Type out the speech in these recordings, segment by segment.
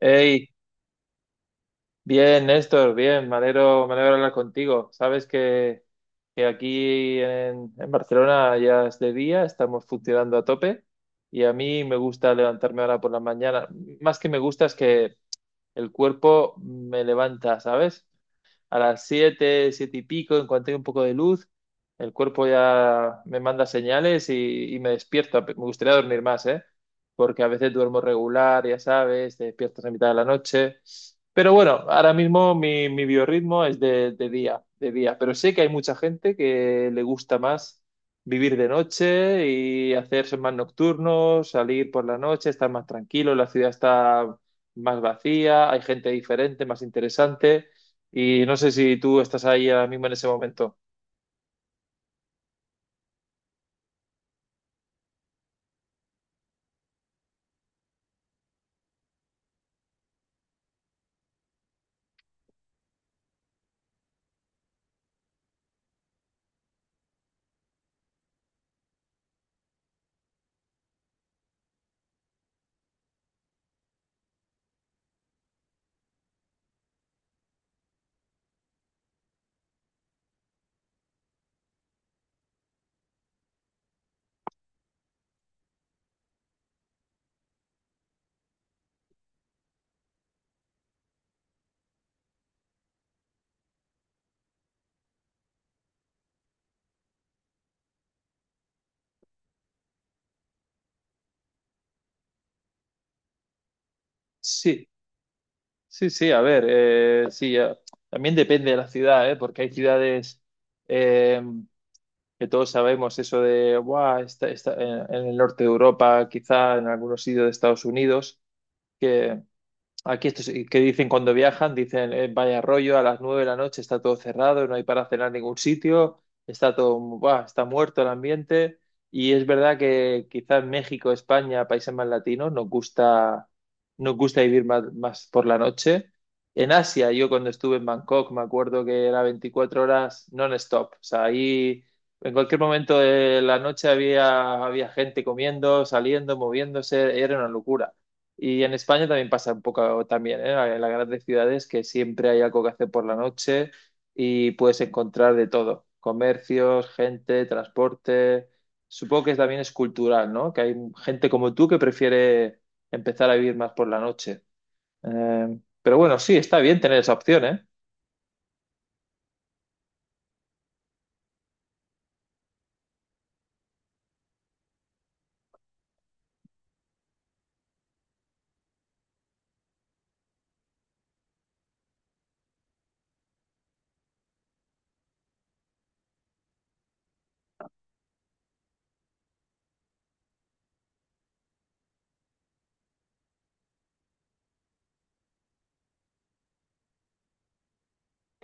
Hey, bien, Néstor, bien, me alegro hablar contigo. Sabes que aquí en Barcelona ya es de día, estamos funcionando a tope y a mí me gusta levantarme ahora por la mañana. Más que me gusta es que el cuerpo me levanta, ¿sabes? A las siete y pico, en cuanto hay un poco de luz, el cuerpo ya me manda señales y me despierto. Me gustaría dormir más, ¿eh? Porque a veces duermo regular, ya sabes, te despiertas a mitad de la noche. Pero bueno, ahora mismo mi biorritmo es de día, de día. Pero sé que hay mucha gente que le gusta más vivir de noche y hacerse más nocturnos, salir por la noche, estar más tranquilo, la ciudad está más vacía, hay gente diferente, más interesante. Y no sé si tú estás ahí ahora mismo en ese momento. Sí, sí, sí, a ver, sí, también depende de la ciudad, ¿eh? Porque hay ciudades, eh, que todos sabemos eso de "buah, está en el norte de Europa, quizá en algunos sitios de Estados Unidos, que, aquí estos que dicen cuando viajan, dicen, eh, vaya rollo, a las 9 de la noche está todo cerrado, no hay para cenar en ningún sitio, está todo, buah, está muerto el ambiente". Y es verdad que quizás México, España, países más latinos, nos gusta vivir más, más por la noche. En Asia, yo cuando estuve en Bangkok, me acuerdo que era 24 horas non-stop. O sea, ahí en cualquier momento de la noche había gente comiendo, saliendo, moviéndose, era una locura. Y en España también pasa un poco también, ¿eh? En las grandes ciudades que siempre hay algo que hacer por la noche y puedes encontrar de todo, comercios, gente, transporte. Supongo que también es cultural, ¿no? Que hay gente como tú que prefiere empezar a vivir más por la noche. Pero bueno, sí, está bien tener esa opción, ¿eh?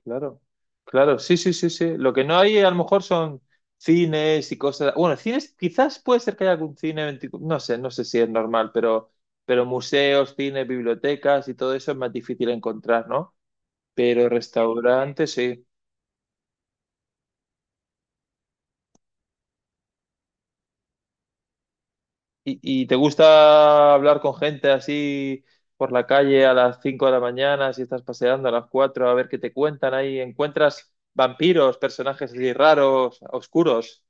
Claro, claro, sí, sí, sí, sí. Lo que no hay a lo mejor son cines y cosas. Bueno, cines, quizás puede ser que haya algún cine 24, no sé, no sé si es normal, pero museos, cines, bibliotecas y todo eso es más difícil encontrar, ¿no? Pero restaurantes, sí. Y te gusta hablar con gente así por la calle a las 5 de la mañana, si estás paseando a las 4 a ver qué te cuentan ahí? ¿Encuentras vampiros, personajes así raros, oscuros?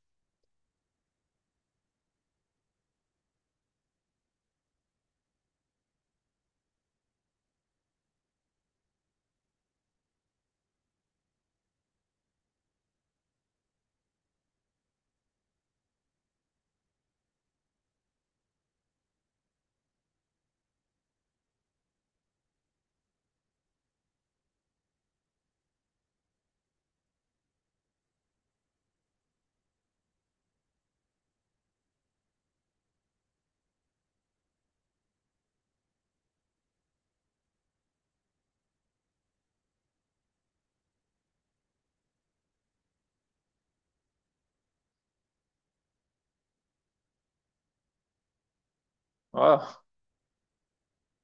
¡Ah!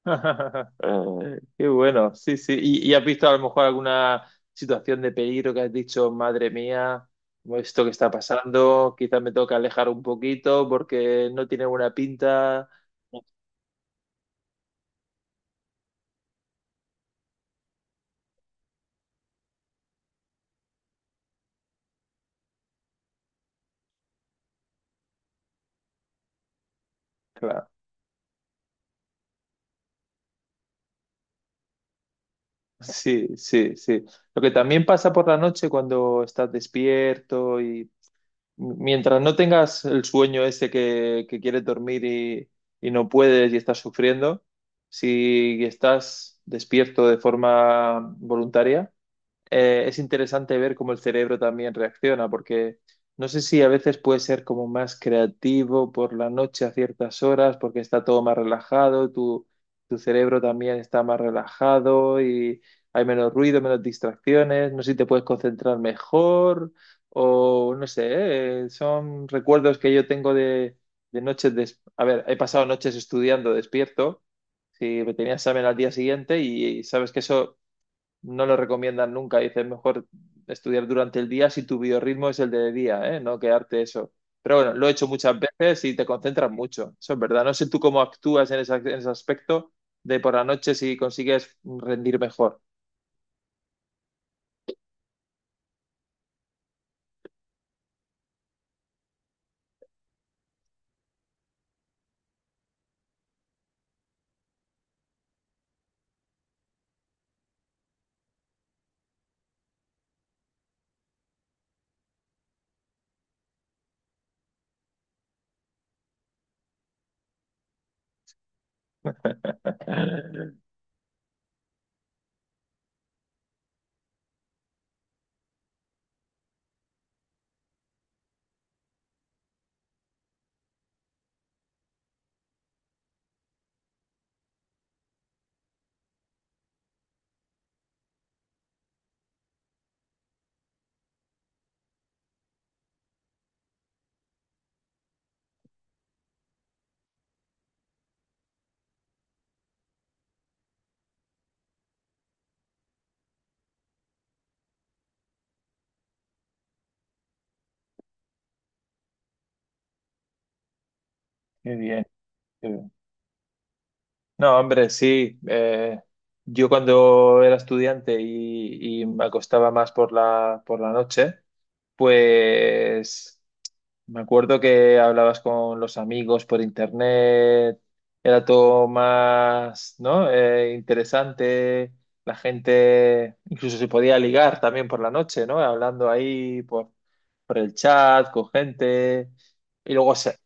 Qué bueno, sí, sí. Y has visto a lo mejor alguna situación de peligro que has dicho, madre mía, esto que está pasando, quizás me toca alejar un poquito porque no tiene buena pinta? Claro, sí, sí, sí. Lo que también pasa por la noche cuando estás despierto y mientras no tengas el sueño ese que quieres dormir y no puedes y estás sufriendo, si estás despierto de forma voluntaria, es interesante ver cómo el cerebro también reacciona, porque no sé si a veces puede ser como más creativo por la noche a ciertas horas, porque está todo más relajado, tu cerebro también está más relajado y hay menos ruido, menos distracciones, no sé si te puedes concentrar mejor o no sé, son recuerdos que yo tengo de noches, a ver, he pasado noches estudiando despierto si me tenía examen al día siguiente y sabes que eso no lo recomiendan nunca. Dicen mejor estudiar durante el día si tu biorritmo es el de día, ¿eh? No quedarte eso. Pero bueno, lo he hecho muchas veces y te concentras mucho. Eso es verdad. No sé tú cómo actúas en ese aspecto de por la noche si consigues rendir mejor. Qué bien, qué bien. No, hombre, sí. Yo cuando era estudiante y me acostaba más por la noche, pues. Me acuerdo que hablabas con los amigos por internet, era todo más, ¿no? Interesante, la gente incluso se podía ligar también por la noche, ¿no? Hablando ahí por el chat con gente. Y luego se-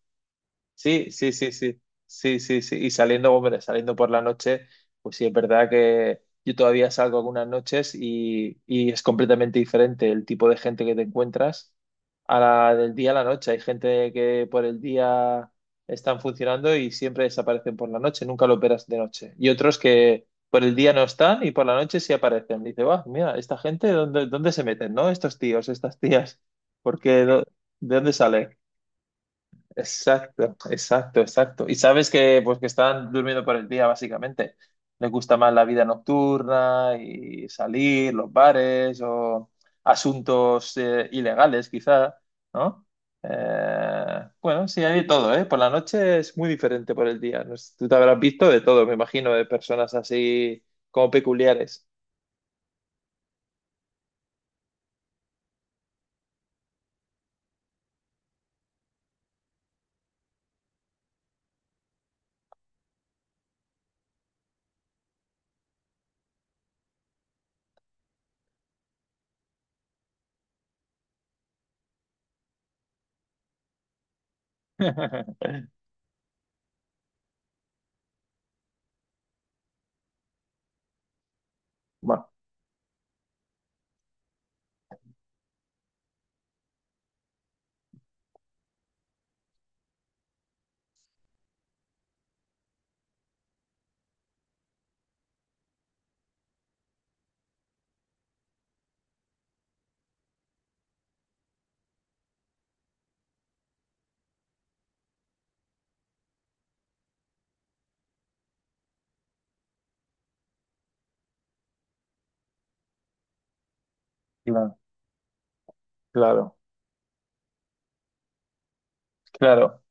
Sí, sí, sí, sí, sí, sí, sí. Y saliendo, hombre, saliendo por la noche, pues sí, es verdad que yo todavía salgo algunas noches y es completamente diferente el tipo de gente que te encuentras, a la del día a la noche. Hay gente que por el día están funcionando y siempre desaparecen por la noche, nunca lo verás de noche. Y otros que por el día no están y por la noche sí aparecen. Dice, va, mira, esta gente, ¿dónde se meten, no? Estos tíos, estas tías, porque ¿de dónde salen? Exacto, exacto, exacto. Y sabes que pues que están durmiendo por el día, básicamente. Les gusta más la vida nocturna y salir, los bares o asuntos, ilegales, quizá, ¿no? Bueno, sí, hay de todo, ¿eh? Por la noche es muy diferente por el día. No sé, tú te habrás visto de todo, me imagino, de personas así como peculiares. Bueno, claro, claro. Claro.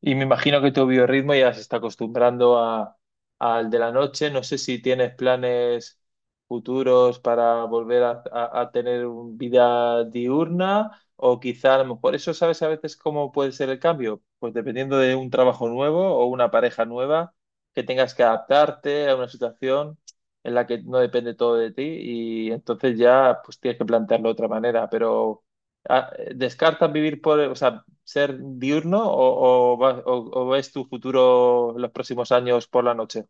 Y me imagino que tu biorritmo ya se está acostumbrando al de la noche. No sé si tienes planes futuros para volver a tener vida diurna, o quizá a lo mejor eso sabes a veces cómo puede ser el cambio. Pues dependiendo de un trabajo nuevo o una pareja nueva, que tengas que adaptarte a una situación en la que no depende todo de ti y entonces ya pues tienes que plantearlo de otra manera. Pero ah, ¿descartas vivir o sea, ser diurno o ves tu futuro los próximos años por la noche?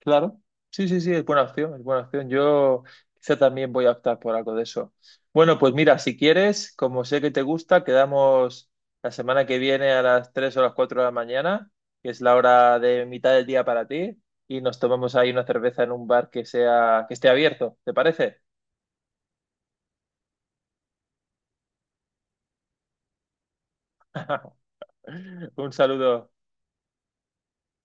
Claro, sí, sí, sí, es buena opción, es buena opción. Yo quizá también voy a optar por algo de eso. Bueno, pues mira, si quieres, como sé que te gusta, quedamos la semana que viene a las 3 o las 4 de la mañana, que es la hora de mitad del día para ti, y nos tomamos ahí una cerveza en un bar que sea, que esté abierto, ¿te parece? Un saludo.